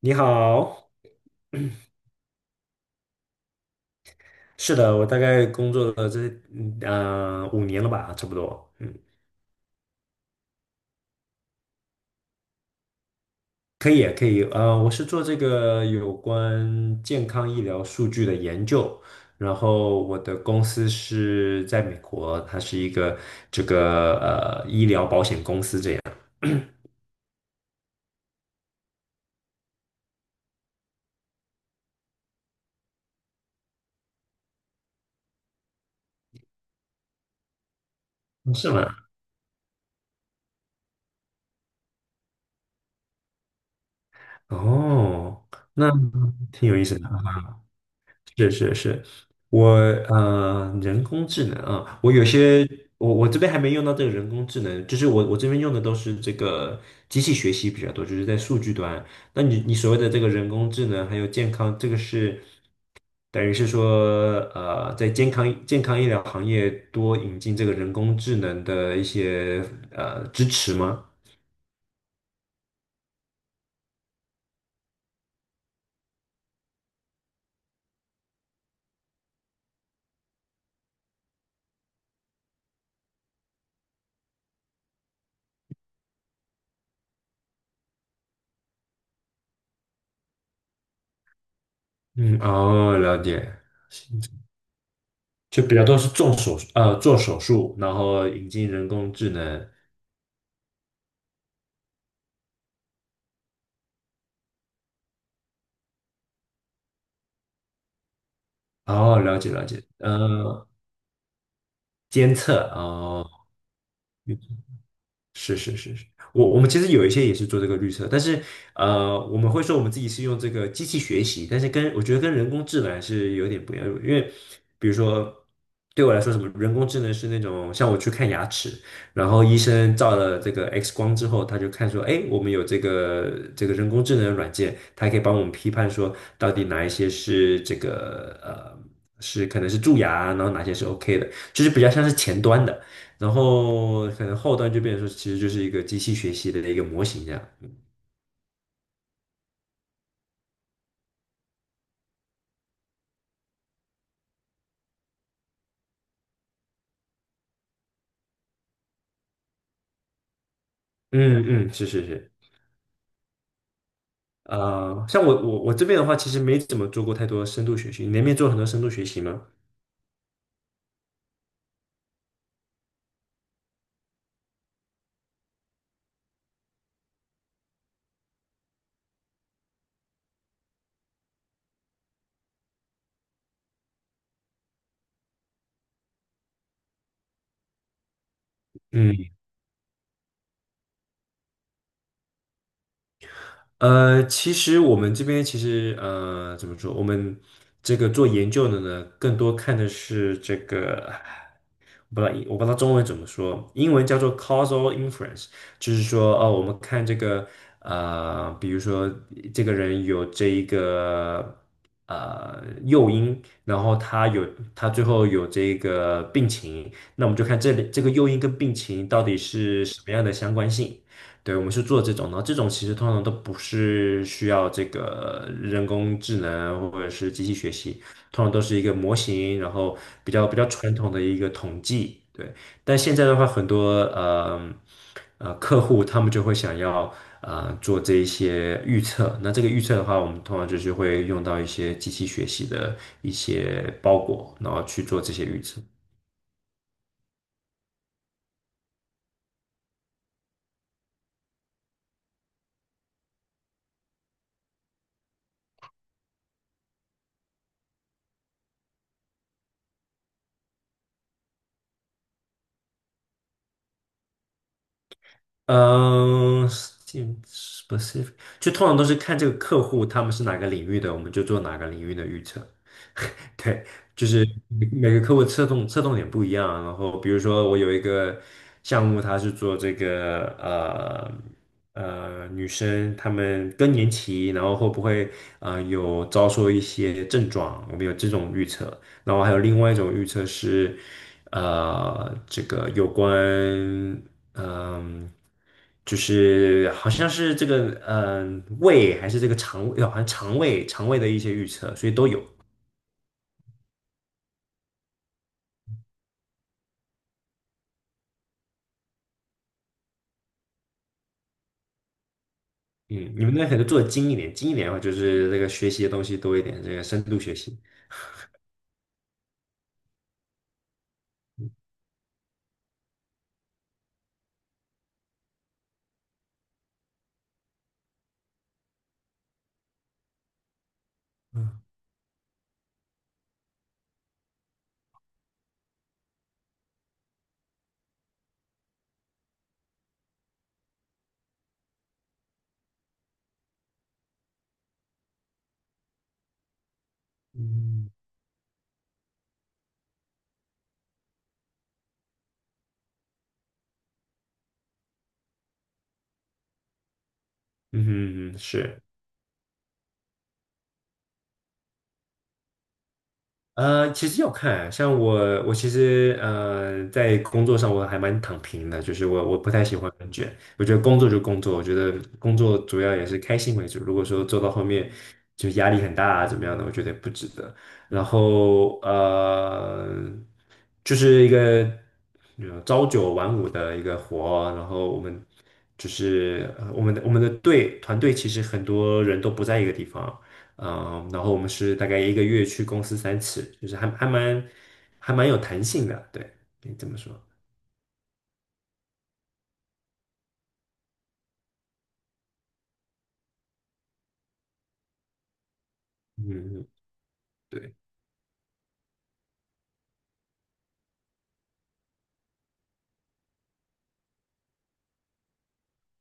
你好。是的，我大概工作了这5年了吧，差不多。嗯。可以可以。我是做这个有关健康医疗数据的研究，然后我的公司是在美国，它是一个医疗保险公司这样。是吗？哦，那挺有意思的。是是是。我人工智能啊，我有些我我这边还没用到这个人工智能，就是我这边用的都是这个机器学习比较多，就是在数据端。那你所谓的这个人工智能还有健康，这个是等于是说在健康医疗行业多引进这个人工智能的一些支持吗？嗯。哦，了解。就比较多是做手术，然后引进人工智能。哦，了解了解。监测哦。是是是是。我们其实有一些也是做这个绿色，但是我们会说我们自己是用这个机器学习，但是跟我觉得跟人工智能还是有点不一样，因为比如说对我来说，什么人工智能是那种像我去看牙齿，然后医生照了这个 X 光之后，他就看说，哎，我们有这个人工智能软件，它可以帮我们批判说到底哪一些是可能是蛀牙，然后哪些是 OK 的，就是比较像是前端的。然后可能后端就变成说，其实就是一个机器学习的一个模型这样。嗯嗯。是是是。像我这边的话，其实没怎么做过太多深度学习。你那边做很多深度学习吗？嗯。其实我们这边其实怎么说？我们这个做研究的呢，更多看的是这个，我不知道中文怎么说，英文叫做 causal inference。就是说哦，我们看这个比如说这个人有这一个诱因，然后他最后有这个病情，那我们就看这里这个诱因跟病情到底是什么样的相关性。对，我们是做这种的，然后这种其实通常都不是需要这个人工智能或者是机器学习，通常都是一个模型，然后比较传统的一个统计。对，但现在的话，很多客户他们就会想要做这一些预测，那这个预测的话，我们通常就是会用到一些机器学习的一些包裹，然后去做这些预测。嗯，specific，就通常都是看这个客户他们是哪个领域的，我们就做哪个领域的预测。对，就是每个客户侧重点不一样啊。然后比如说我有一个项目，它是做这个女生她们更年期，然后会不会有遭受一些症状，我们有这种预测。然后还有另外一种预测是这个有关嗯。就是好像是这个，胃还是这个肠胃，哦好像肠胃的一些预测，所以都有。嗯。你们那可能做的精一点，精一点的话就是那个学习的东西多一点，这个深度学习。嗯嗯嗯哼。嗯，是。其实要看，我其实在工作上我还蛮躺平的，就是我不太喜欢很卷，我觉得工作就工作，我觉得工作主要也是开心为主。如果说做到后面就压力很大啊，怎么样的，我觉得不值得。然后就是一个朝九晚五的一个活，然后我们就是我们的团队其实很多人都不在一个地方。嗯。然后我们是大概一个月去公司3次，就是还蛮有弹性的，对，可以这么说。嗯。对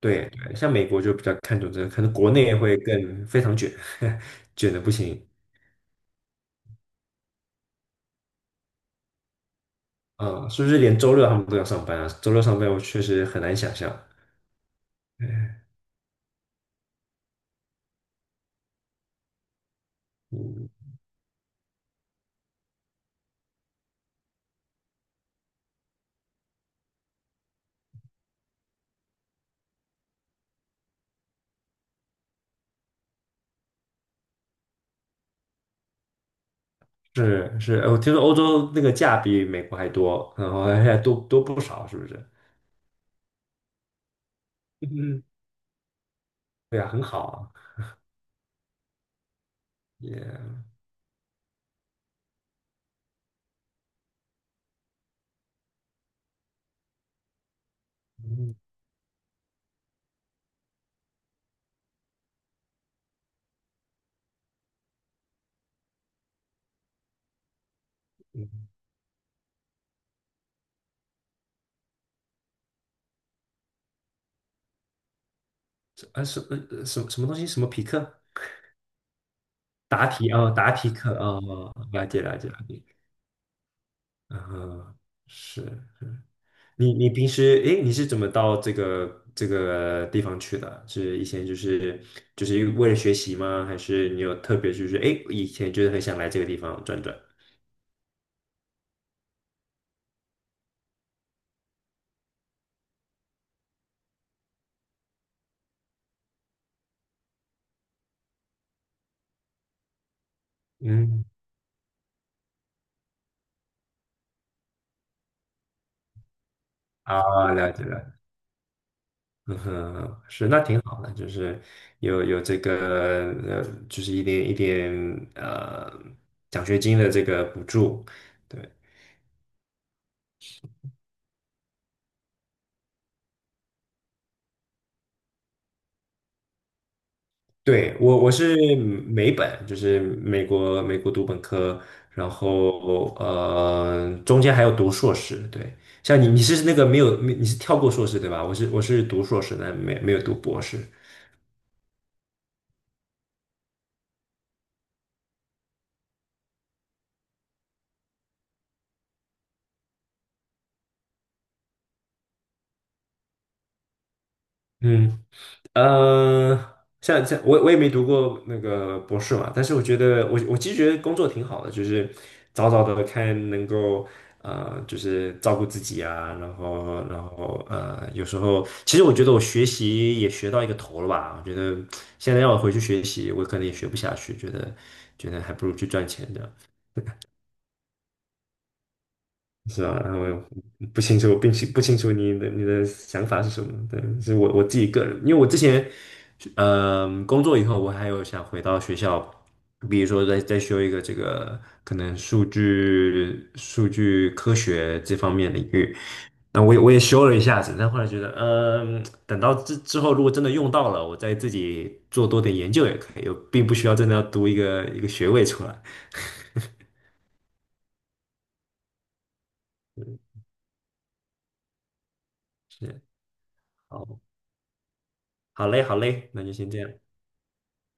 对对，像美国就比较看重这个，可能国内会更非常卷。卷的不行。嗯。是不是连周六他们都要上班啊？周六上班我确实很难想象。嗯，是是，我听说欧洲那个假比美国还多，然后还多不少，是不是？嗯，对啊，很好啊。也、嗯。嗯。啊。什么东西？什么匹克？答题哦？答题课哦，了解了解了解。嗯，是你平时诶，你是怎么到这个地方去的啊？是以前就是为了学习吗？还是你有特别就是诶，以前就是很想来这个地方转转？嗯。啊，了解了。嗯哼，是那挺好的，就是有这个就是一点一点呃奖学金的这个补助，对。对，我是美本，就是美国读本科，然后中间还有读硕士。对，像你是那个没有你是跳过硕士对吧？我是读硕士但没有读博士。嗯。呃，像我也没读过那个博士嘛，但是我觉得我其实觉得工作挺好的，就是早早的看能够就是照顾自己啊，然后有时候其实我觉得我学习也学到一个头了吧，我觉得现在让我回去学习，我可能也学不下去，觉得还不如去赚钱这样。是吧？然后我不清楚，并不清楚你的想法是什么？对，是我自己个人，因为我之前，工作以后，我还有想回到学校，比如说再修一个这个可能数据科学这方面领域，那我也修了一下子，但后来觉得，等到之后如果真的用到了，我再自己做多点研究也可以，我并不需要真的要读一个学位出来。是。好，好嘞，好嘞，那就先这样。